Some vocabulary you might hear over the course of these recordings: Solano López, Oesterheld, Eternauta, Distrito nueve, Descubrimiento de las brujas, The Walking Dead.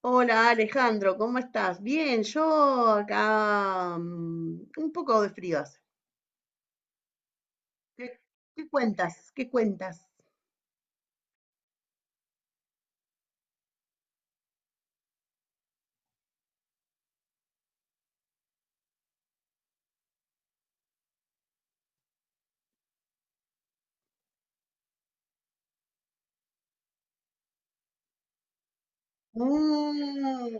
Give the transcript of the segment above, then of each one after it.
Hola Alejandro, ¿cómo estás? Bien, yo acá un poco de frío hace. ¿Qué, qué cuentas? ¿Qué cuentas? Mm,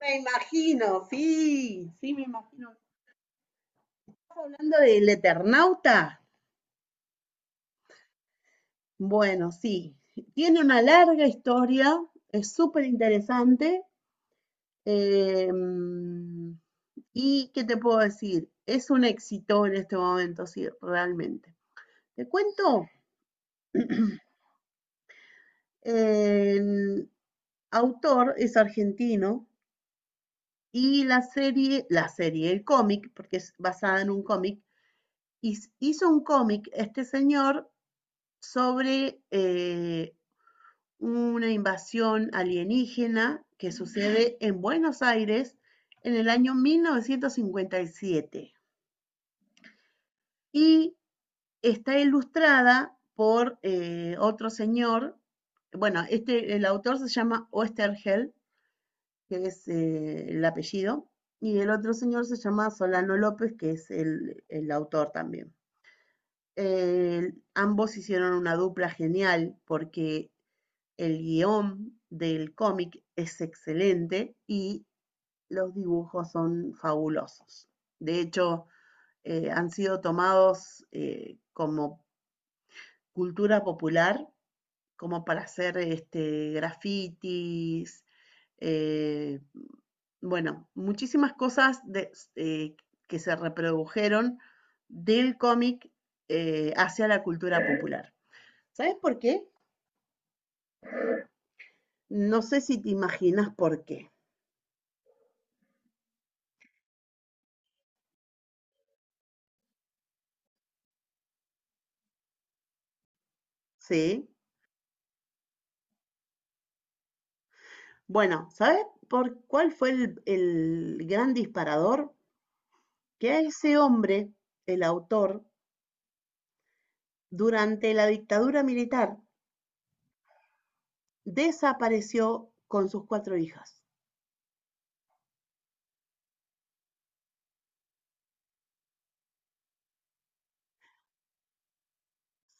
me imagino, sí, sí, me imagino. ¿Estás hablando del Eternauta? Bueno, sí, tiene una larga historia, es súper interesante. em, ¿y qué te puedo decir? Es un éxito en este momento, sí, realmente. Te cuento, en- autor es argentino y la serie, el cómic, porque es basada en un cómic, hizo un cómic este señor sobre una invasión alienígena que sucede en Buenos Aires en el año 1957. Y siete. Y está ilustrada por otro señor, bueno, el autor se llama Oesterheld, que es el apellido, y el otro señor se llama Solano López, que es el autor también. Ambos hicieron una dupla genial porque el guión del cómic es excelente y los dibujos son fabulosos. De hecho, han sido tomados como cultura popular, como para hacer grafitis, eh, bueno, muchísimas cosas que se reprodujeron del cómic hacia la cultura popular. ¿Sabes por qué? No sé si te imaginas por qué. Sí. Bueno, ¿sabes por cuál fue el gran disparador? Que a ese hombre, el autor, durante la dictadura militar, desapareció con sus cuatro hijas.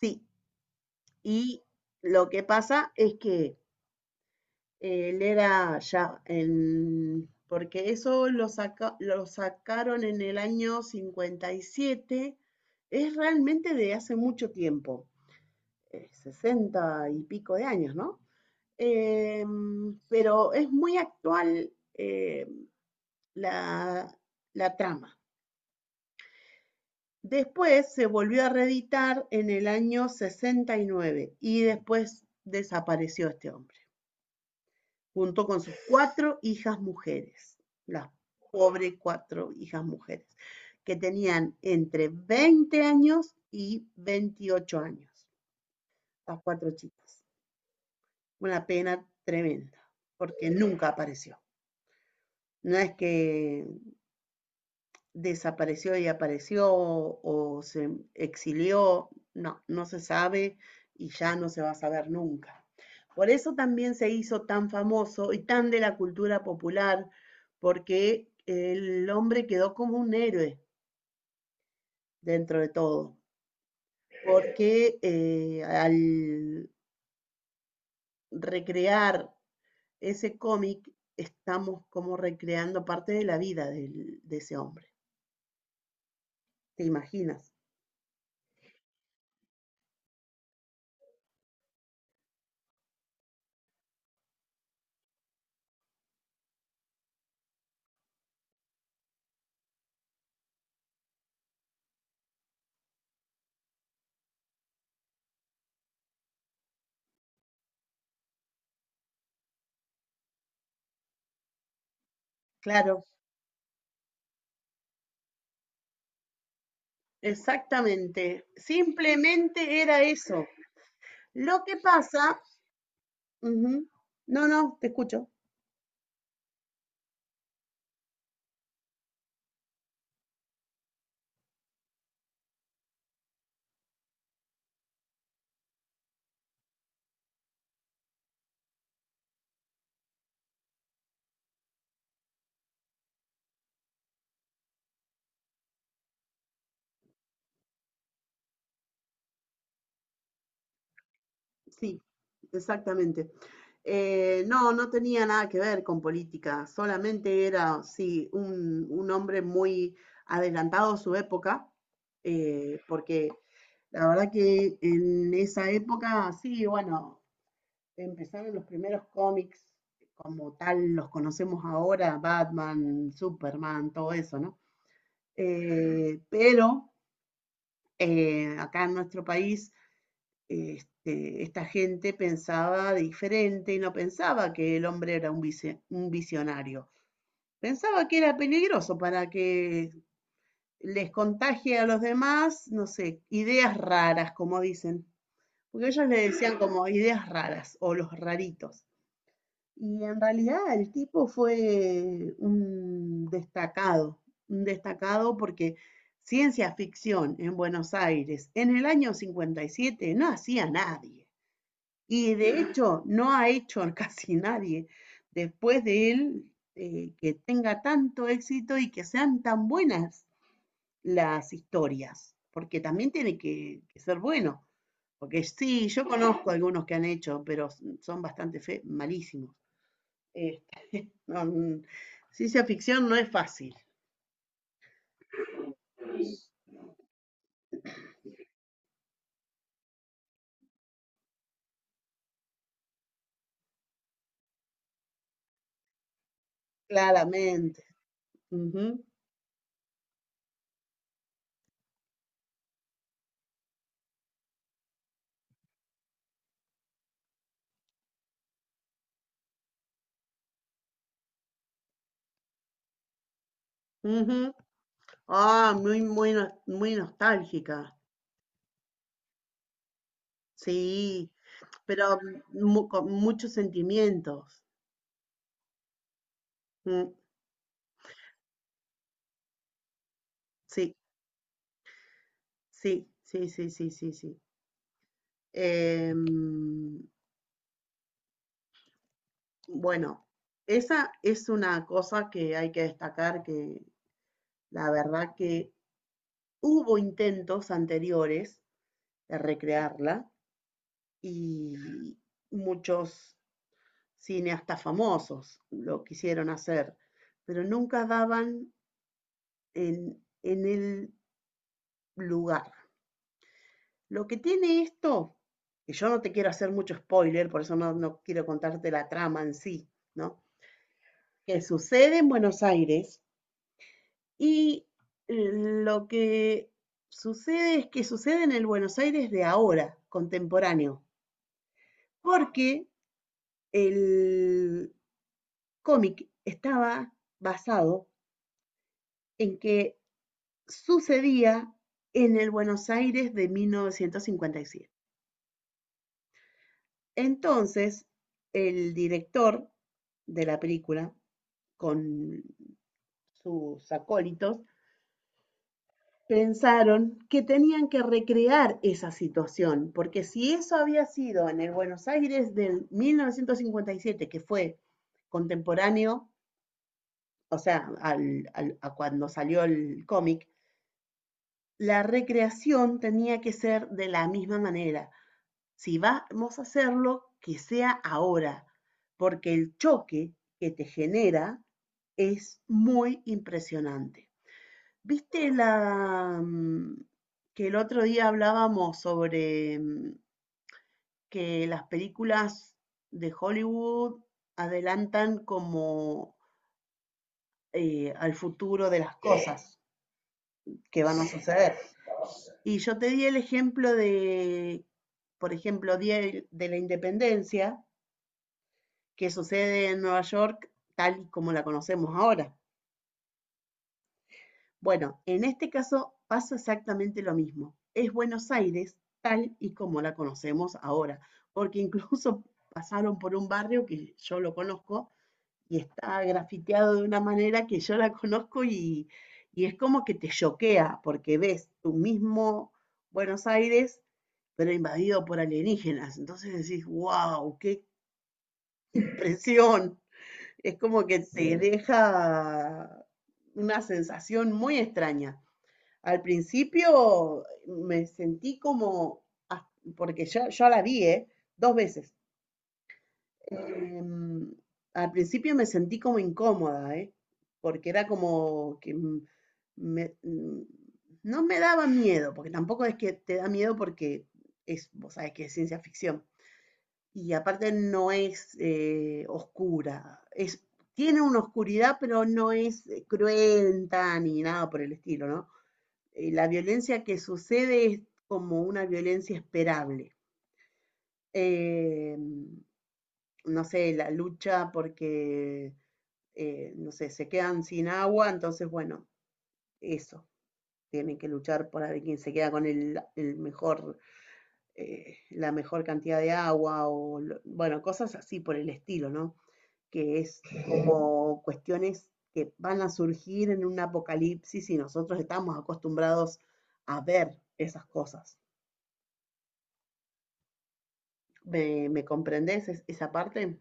Sí, y lo que pasa es que él era ya porque eso lo sacaron en el año 57, es realmente de hace mucho tiempo, 60 y pico de años, ¿no? Pero es muy actual, la, la trama. Después se volvió a reeditar en el año 69 y después desapareció este hombre, junto con sus cuatro hijas mujeres, las pobres cuatro hijas mujeres, que tenían entre 20 años y 28 años, las cuatro chicas. Una pena tremenda, porque nunca apareció. No es que desapareció y apareció o se exilió, no, no se sabe y ya no se va a saber nunca. Por eso también se hizo tan famoso y tan de la cultura popular, porque el hombre quedó como un héroe dentro de todo, porque al recrear ese cómic estamos como recreando parte de la vida de ese hombre. ¿Te imaginas? Claro. Exactamente. Simplemente era eso. Lo que pasa, ujú, no, no, te escucho. Sí, exactamente. No, no tenía nada que ver con política, solamente era, sí, un hombre muy adelantado a su época, porque la verdad que en esa época, sí, bueno, empezaron los primeros cómics como tal, los conocemos ahora, Batman, Superman, todo eso, ¿no? Pero acá en nuestro país, esta gente pensaba diferente y no pensaba que el hombre era un visionario. Pensaba que era peligroso para que les contagie a los demás, no sé, ideas raras, como dicen. Porque ellos le decían como ideas raras o los raritos. Y en realidad el tipo fue un destacado porque ciencia ficción en Buenos Aires en el año 57 no hacía nadie. Y de hecho no ha hecho casi nadie después de él, que tenga tanto éxito y que sean tan buenas las historias, porque también tiene que ser bueno. Porque sí, yo conozco algunos que han hecho, pero son bastante malísimos. No, ciencia ficción no es fácil, claramente. Ujú, ujú. Ah, muy, muy, muy nostálgica. Sí, pero con muchos sentimientos. Mm, sí, sí, sí, sí, sí, sí, sí. Em, bueno, esa es una cosa que hay que destacar, que la verdad que hubo intentos anteriores de recrearla, y muchos cineastas famosos lo quisieron hacer, pero nunca daban en el lugar. Lo que tiene esto, que yo no te quiero hacer mucho spoiler, por eso no quiero contarte la trama en sí, ¿no? Que sucede en Buenos Aires, y lo que sucede es que sucede en el Buenos Aires de ahora, contemporáneo, porque el cómic estaba basado en que sucedía en el Buenos Aires de 1957. Entonces, el director de la película, con sus acólitos, pensaron que tenían que recrear esa situación, porque si eso había sido en el Buenos Aires del 1957, que fue contemporáneo, o sea, a cuando salió el cómic, la recreación tenía que ser de la misma manera. Si vamos a hacerlo, que sea ahora, porque el choque que te genera es muy impresionante. ¿Viste la que el otro día hablábamos sobre que las películas de Hollywood adelantan como al futuro de las cosas que van a suceder? Y yo te di el ejemplo de, por ejemplo, Día de la Independencia, que sucede en Nueva York tal y como la conocemos ahora. Bueno, en este caso pasa exactamente lo mismo. Es Buenos Aires tal y como la conocemos ahora, porque incluso pasaron por un barrio que yo lo conozco, y está grafiteado de una manera que yo la conozco, y es como que te choquea porque ves tu mismo Buenos Aires pero invadido por alienígenas. Entonces decís, wow, ¡qué impresión! Es como que te, sí, deja una sensación muy extraña. Al principio me sentí como, ah, porque ya la vi, ¿eh? Dos veces. Em, al principio me sentí como incómoda, ¿eh? Porque era como que me- m- no me daba miedo, porque tampoco es que te da miedo porque es, vos sabés que es ciencia ficción, y aparte no es oscura. Es, tiene una oscuridad, pero no es cruenta ni nada por el estilo, ¿no? La violencia que sucede es como una violencia esperable. Eh, no sé, la lucha porque, no sé, se quedan sin agua, entonces, bueno, eso. Tienen que luchar por a ver quién se queda con el mejor, la mejor cantidad de agua, o, bueno, cosas así por el estilo, ¿no? Que es como cuestiones que van a surgir en un apocalipsis, y nosotros estamos acostumbrados a ver esas cosas. ¿Me comprendés esa parte?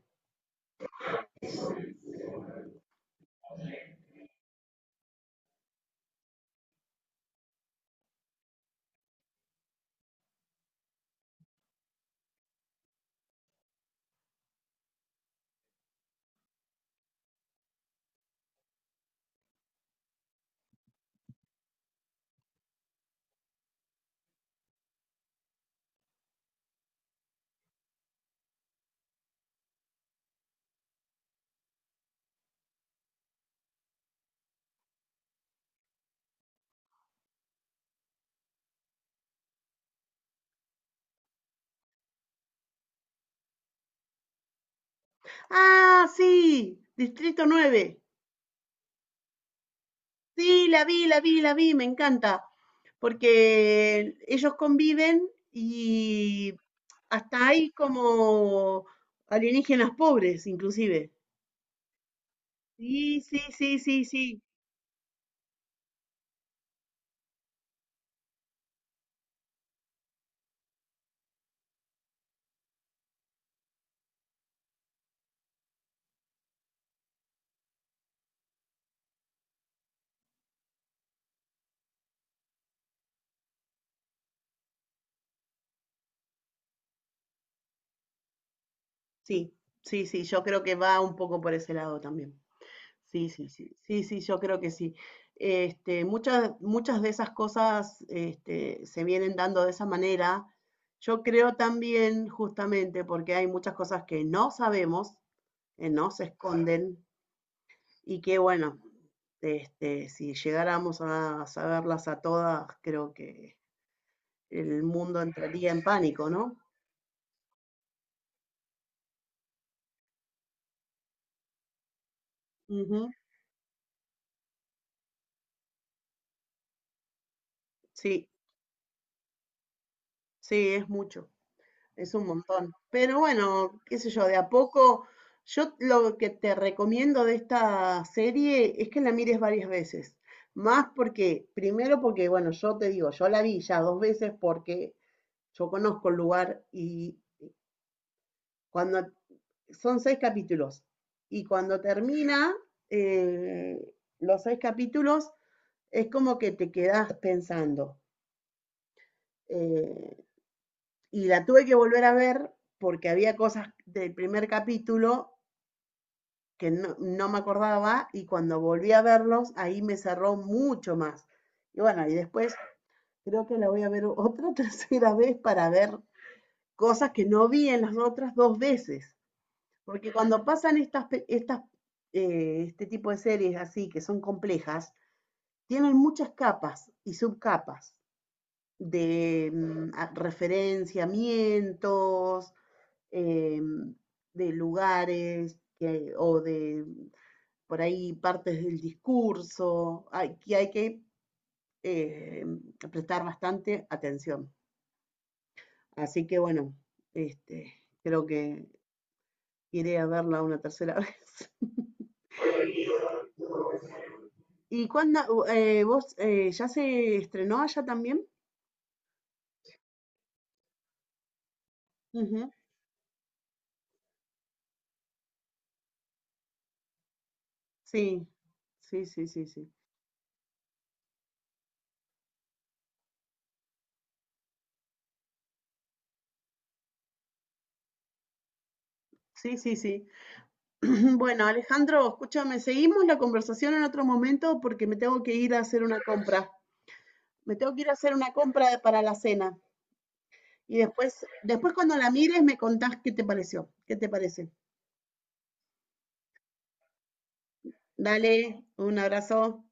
Ah, sí, Distrito nueve. Sí, la vi, la vi, la vi, me encanta. Porque ellos conviven y hasta hay como alienígenas pobres, inclusive. Sí, sí, sí, sí, sí. Sí, sí, sí, yo creo que va un poco por ese lado también. Sí, sí, sí, sí, sí, yo creo que sí. Muchas, muchas de esas cosas, se vienen dando de esa manera. Yo creo también, justamente, porque hay muchas cosas que no sabemos, que no se esconden, y que bueno, si llegáramos a saberlas a todas, creo que el mundo entraría en pánico, ¿no? Ujú. Sí, sí, es mucho. Es un montón. Pero bueno, qué sé yo, de a poco, yo lo que te recomiendo de esta serie es que la mires varias veces. Más porque, primero porque, bueno, yo te digo, yo la vi ya dos veces porque yo conozco el lugar, y cuando son seis capítulos y cuando termina eh, los seis capítulos, es como que te quedás pensando. Eh, y la tuve que volver a ver porque había cosas del primer capítulo que no me acordaba, y cuando volví a verlos, ahí me cerró mucho más. Y bueno, y después creo que la voy a ver otra tercera vez para ver cosas que no vi en las otras dos veces. Porque cuando pasan estas, este tipo de series así, que son complejas, tienen muchas capas y subcapas de referenciamientos, em, de lugares o de por ahí partes del discurso, que hay que eh, prestar bastante atención. Así que bueno, este, creo que iré a verla una tercera vez. ¿Y cuándo? ¿Vos ya se estrenó allá también? Ujú. Sí, sí, sí, sí, sí. Sí, sí, sí. Bueno, Alejandro, escúchame, seguimos la conversación en otro momento porque me tengo que ir a hacer una compra. Me tengo que ir a hacer una compra para la cena. Y después cuando la mires me contás qué te pareció, qué te parece. Dale, un abrazo.